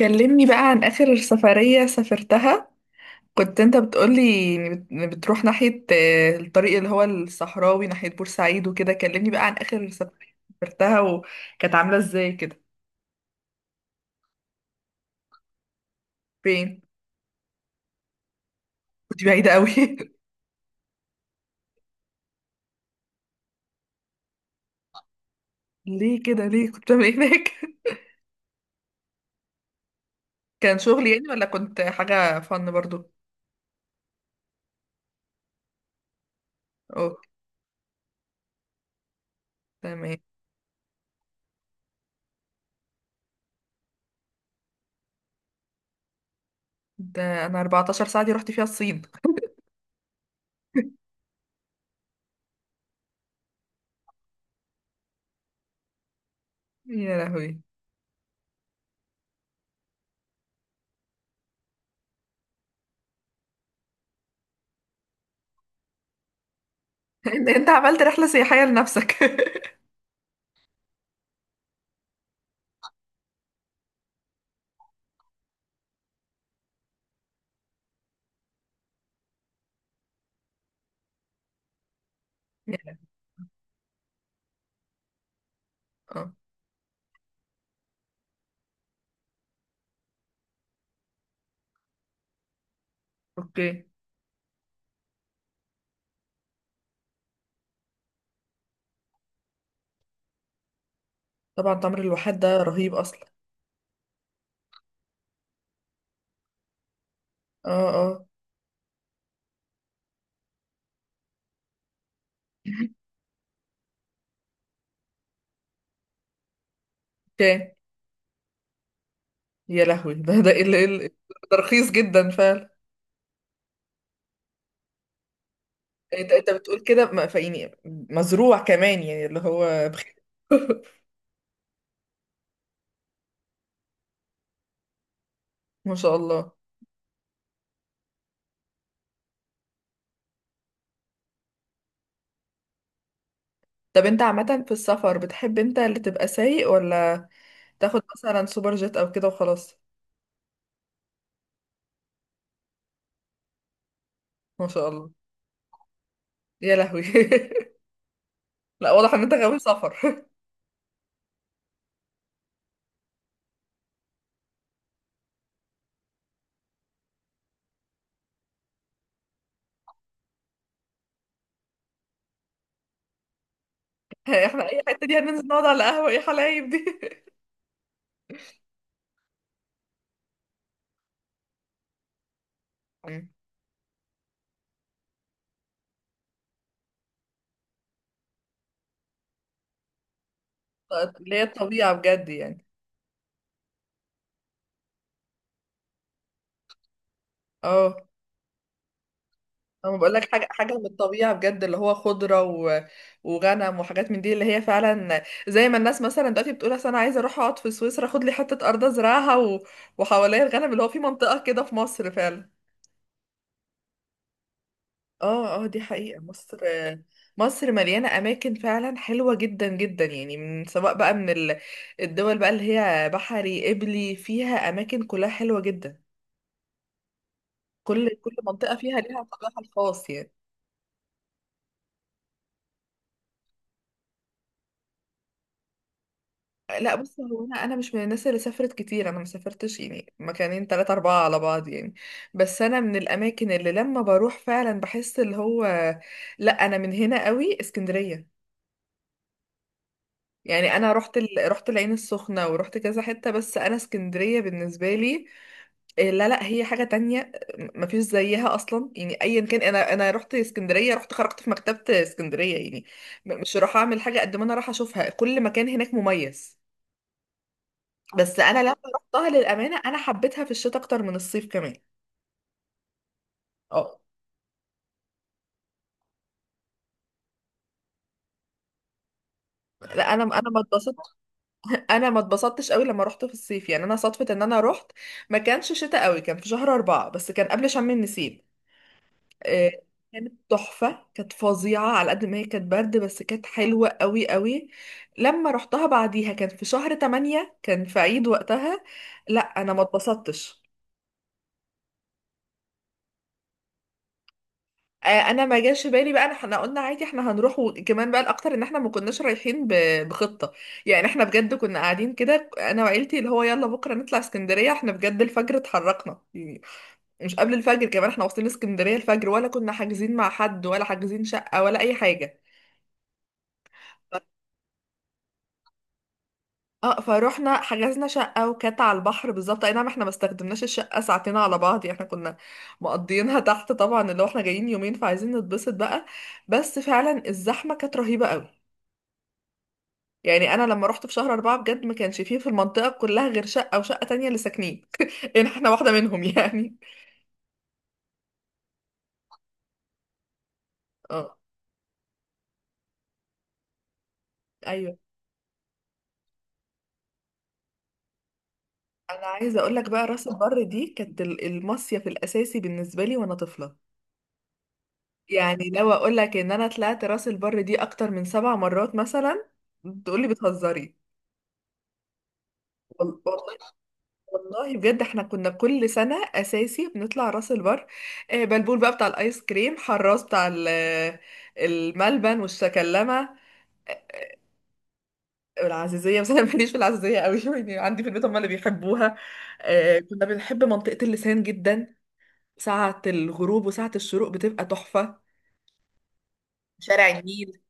كلمني بقى عن آخر سفرية سافرتها. كنت انت بتقولي إن بتروح ناحية، الطريق اللي هو الصحراوي ناحية بورسعيد وكده. كلمني بقى عن آخر سفرية سافرتها وكانت عاملة ازاي كده. فين؟ كنت بعيدة قوي ليه كده؟ كنت بعمل ايه هناك؟ كان شغل يعني ولا كنت حاجة فن برضو؟ اوكي، تمام. ده انا 14 ساعة دي رحت فيها الصين. يا لهوي، انت عملت رحلة سياحية لنفسك؟ يا لهوي. اه. اوكي. طبعا تمر الواحات ده رهيب اصلا. اه اه. كان. يا لهوي، ده رخيص جدا فعلا. انت بتقول كده، فيعني مزروع كمان يعني اللي هو بخير؟ ما شاء الله. طب انت عامة في السفر بتحب انت اللي تبقى سايق ولا تاخد مثلا سوبر جيت او كده وخلاص؟ ما شاء الله. يا لهوي لا، واضح ان انت غاوي سفر. احنا اي حتة دي؟ هننزل نقعد على قهوة؟ ايه حلايب دي؟ مم. اللي هي الطبيعة بجد يعني. اه. انا بقول لك حاجه من الطبيعه بجد اللي هو خضره، و... وغنم وحاجات من دي، اللي هي فعلا زي ما الناس مثلا دلوقتي بتقول اصل انا عايزه اروح اقعد في سويسرا اخد لي حته ارض ازرعها، و... وحواليا الغنم، اللي هو في منطقه كده في مصر فعلا. اه اه، دي حقيقه. مصر مصر مليانه اماكن فعلا حلوه جدا جدا، يعني من سواء بقى من ال... الدول بقى اللي هي بحري قبلي، فيها اماكن كلها حلوه جدا. كل منطقه فيها ليها طابعها الخاص يعني. لا بص، هو انا مش من الناس اللي سافرت كتير، انا ما سافرتش يعني، مكانين تلاتة اربعة على بعض يعني. بس انا من الاماكن اللي لما بروح فعلا بحس اللي هو، لا انا من هنا قوي اسكندرية. يعني انا رحت ال... رحت العين السخنة ورحت كذا حتة، بس انا اسكندرية بالنسبة لي إيه، لا هي حاجة تانية. ما فيش زيها اصلا يعني، ايا كان. انا رحت اسكندرية، رحت خرجت في مكتبة اسكندرية يعني مش راح اعمل حاجة قد ما انا راح اشوفها. كل مكان هناك مميز. بس انا لما رحتها، للامانه انا حبيتها في الشتاء اكتر من الصيف كمان. اه، لا انا ما اتبسطت. انا ما اتبسطتش قوي لما رحت في الصيف يعني. انا صدفه ان انا رحت، ما كانش شتاء قوي، كان في شهر 4 بس، كان قبل شم النسيم. آه، كانت تحفه، كانت فظيعه، على قد ما هي كانت برد بس كانت حلوه قوي قوي. لما رحتها بعديها كان في شهر 8، كان في عيد وقتها. لا انا ما اتبسطتش. انا ما جاش في بالي بقى، احنا قلنا عادي احنا هنروح. وكمان بقى الاكتر ان احنا ما كناش رايحين بخطه. يعني احنا بجد كنا قاعدين كده انا وعيلتي، اللي هو يلا بكره نطلع اسكندريه، احنا بجد الفجر اتحركنا يعني، مش قبل الفجر كمان. احنا واصلين اسكندريه الفجر، ولا كنا حاجزين مع حد، ولا حاجزين شقه، ولا اي حاجه. اه، فروحنا حجزنا شقه وكانت على البحر بالظبط. اي نعم، احنا ما استخدمناش الشقه ساعتين على بعض يعني، احنا كنا مقضيينها تحت طبعا، اللي هو احنا جايين يومين فعايزين نتبسط بقى. بس فعلا الزحمه كانت رهيبه قوي. يعني انا لما رحت في شهر 4 بجد ما كانش فيه في المنطقة كلها غير شقة وشقة تانية اللي ساكنين. يعني احنا واحدة منهم يعني. اه. ايوه، انا عايزة اقول لك بقى راس البر دي كانت المصيف الاساسي بالنسبة لي وانا طفلة. يعني لو اقول لك ان انا طلعت راس البر دي اكتر من 7 مرات مثلا، تقولي بتهزري. والله، والله بجد احنا كنا كل سنة اساسي بنطلع راس البر. بلبول بقى بتاع الايس كريم، حراس بتاع الملبن والشكلمة والعزيزية. بس أنا ماليش في العزيزية قوي يعني عندي في البيت هم اللي بيحبوها. كنا بنحب منطقة اللسان جدا. ساعة الغروب وساعة الشروق بتبقى تحفة. شارع النيل.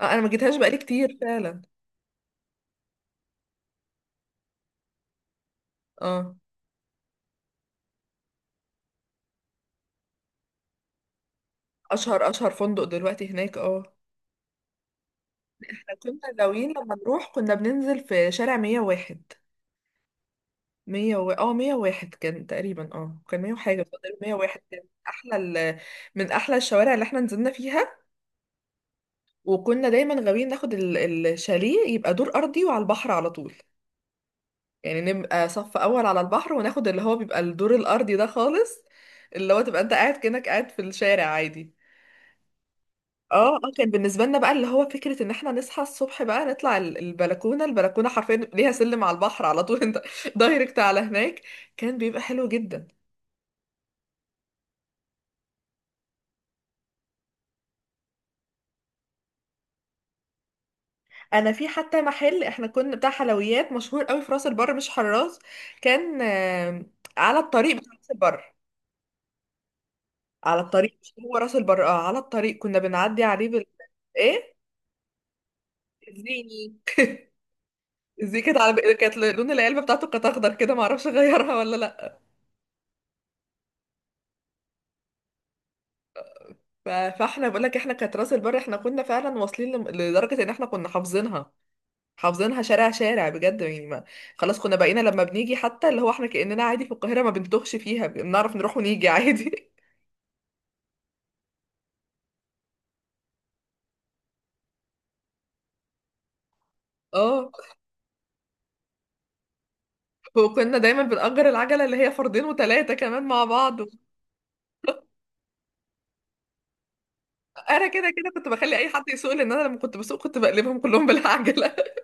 أنا ما جيتهاش بقالي كتير فعلا. اه. أشهر فندق دلوقتي هناك، اه. احنا كنا غاويين لما نروح كنا بننزل في شارع 101. 100، و... اه 101 كان تقريبا، اه كان 100 وحاجة، بس تقريباً 101 كان أحلى، ال... من أحلى الشوارع اللي احنا نزلنا فيها. وكنا دايما غاويين ناخد الشاليه، يبقى دور ارضي وعلى البحر على طول، يعني نبقى صف اول على البحر، وناخد اللي هو بيبقى الدور الارضي ده خالص، اللي هو تبقى انت قاعد كأنك قاعد في الشارع عادي. اه اه، كان بالنسبه لنا بقى اللي هو فكره ان احنا نصحى الصبح بقى نطلع البلكونه حرفيا ليها سلم على البحر على طول انت دايركت على هناك. كان بيبقى حلو جدا. انا في حتى محل احنا كنا بتاع حلويات مشهور قوي في راس البر مش حراس. كان، على الطريق بتاع راس البر، على الطريق، مش هو راس البر. اه على الطريق كنا بنعدي عليه بال، ايه، زيني. زي كانت على، كانت لون العلبه بتاعته كانت اخضر كده، ما اعرفش غيرها ولا لا. ف... فاحنا بقول لك احنا كانت راس البر احنا كنا فعلا واصلين لدرجه ان احنا كنا حافظينها، حافظينها شارع شارع بجد يعني ما. خلاص كنا بقينا لما بنيجي حتى اللي هو احنا كاننا عادي في القاهره، ما بنتوهش فيها، بنعرف نروح ونيجي عادي. اه. وكنا دايما بنأجر العجله اللي هي فردين وثلاثه كمان مع بعض. انا كده كده كنت بخلي اي حد يسوق، لان انا لما كنت بسوق كنت بقلبهم كلهم بالعجله.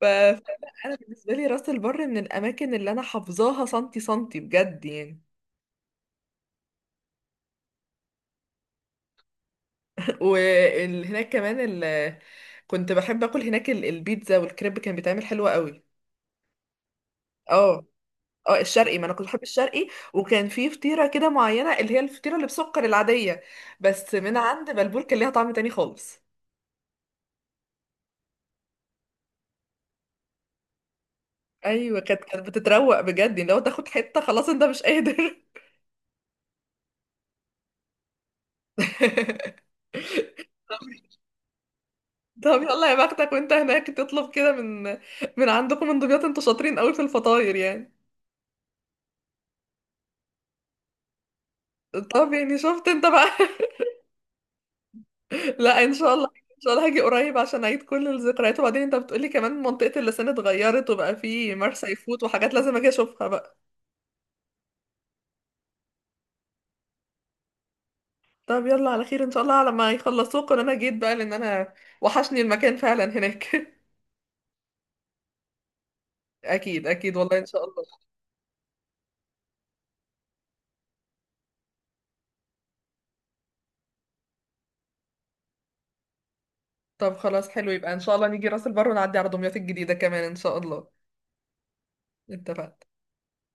ف... فلا انا بالنسبه لي راس البر من الاماكن اللي انا حافظاها سنتي سنتي بجد يعني. وهناك كمان، ال... كنت بحب اكل هناك البيتزا والكريب، كان بيتعمل حلو قوي. اه اه، الشرقي، ما انا كنت بحب الشرقي. وكان في فطيره كده معينه، اللي هي الفطيره اللي بسكر العاديه، بس من عند بلبول كان ليها طعم تاني خالص. ايوه كانت بتتروق بجد، يعني لو تاخد حته خلاص انت مش قادر. طب يلا يا بختك وانت هناك، تطلب كده من من عندكم من دمياط. انتوا شاطرين قوي في الفطاير يعني. طب يعني شفت انت بقى. لا ان شاء الله، ان شاء الله هاجي قريب عشان اعيد كل الذكريات. وبعدين انت بتقولي كمان منطقة اللسان اتغيرت وبقى في مرسى يفوت وحاجات لازم اجي اشوفها بقى. طب يلا على خير، ان شاء الله على ما يخلصوك وانا جيت بقى، لان انا وحشني المكان فعلا هناك. اكيد اكيد، والله ان شاء الله. طب خلاص حلو، يبقى ان شاء الله نيجي راس البر ونعدي على دمياط الجديدة كمان ان شاء الله. اتفقنا.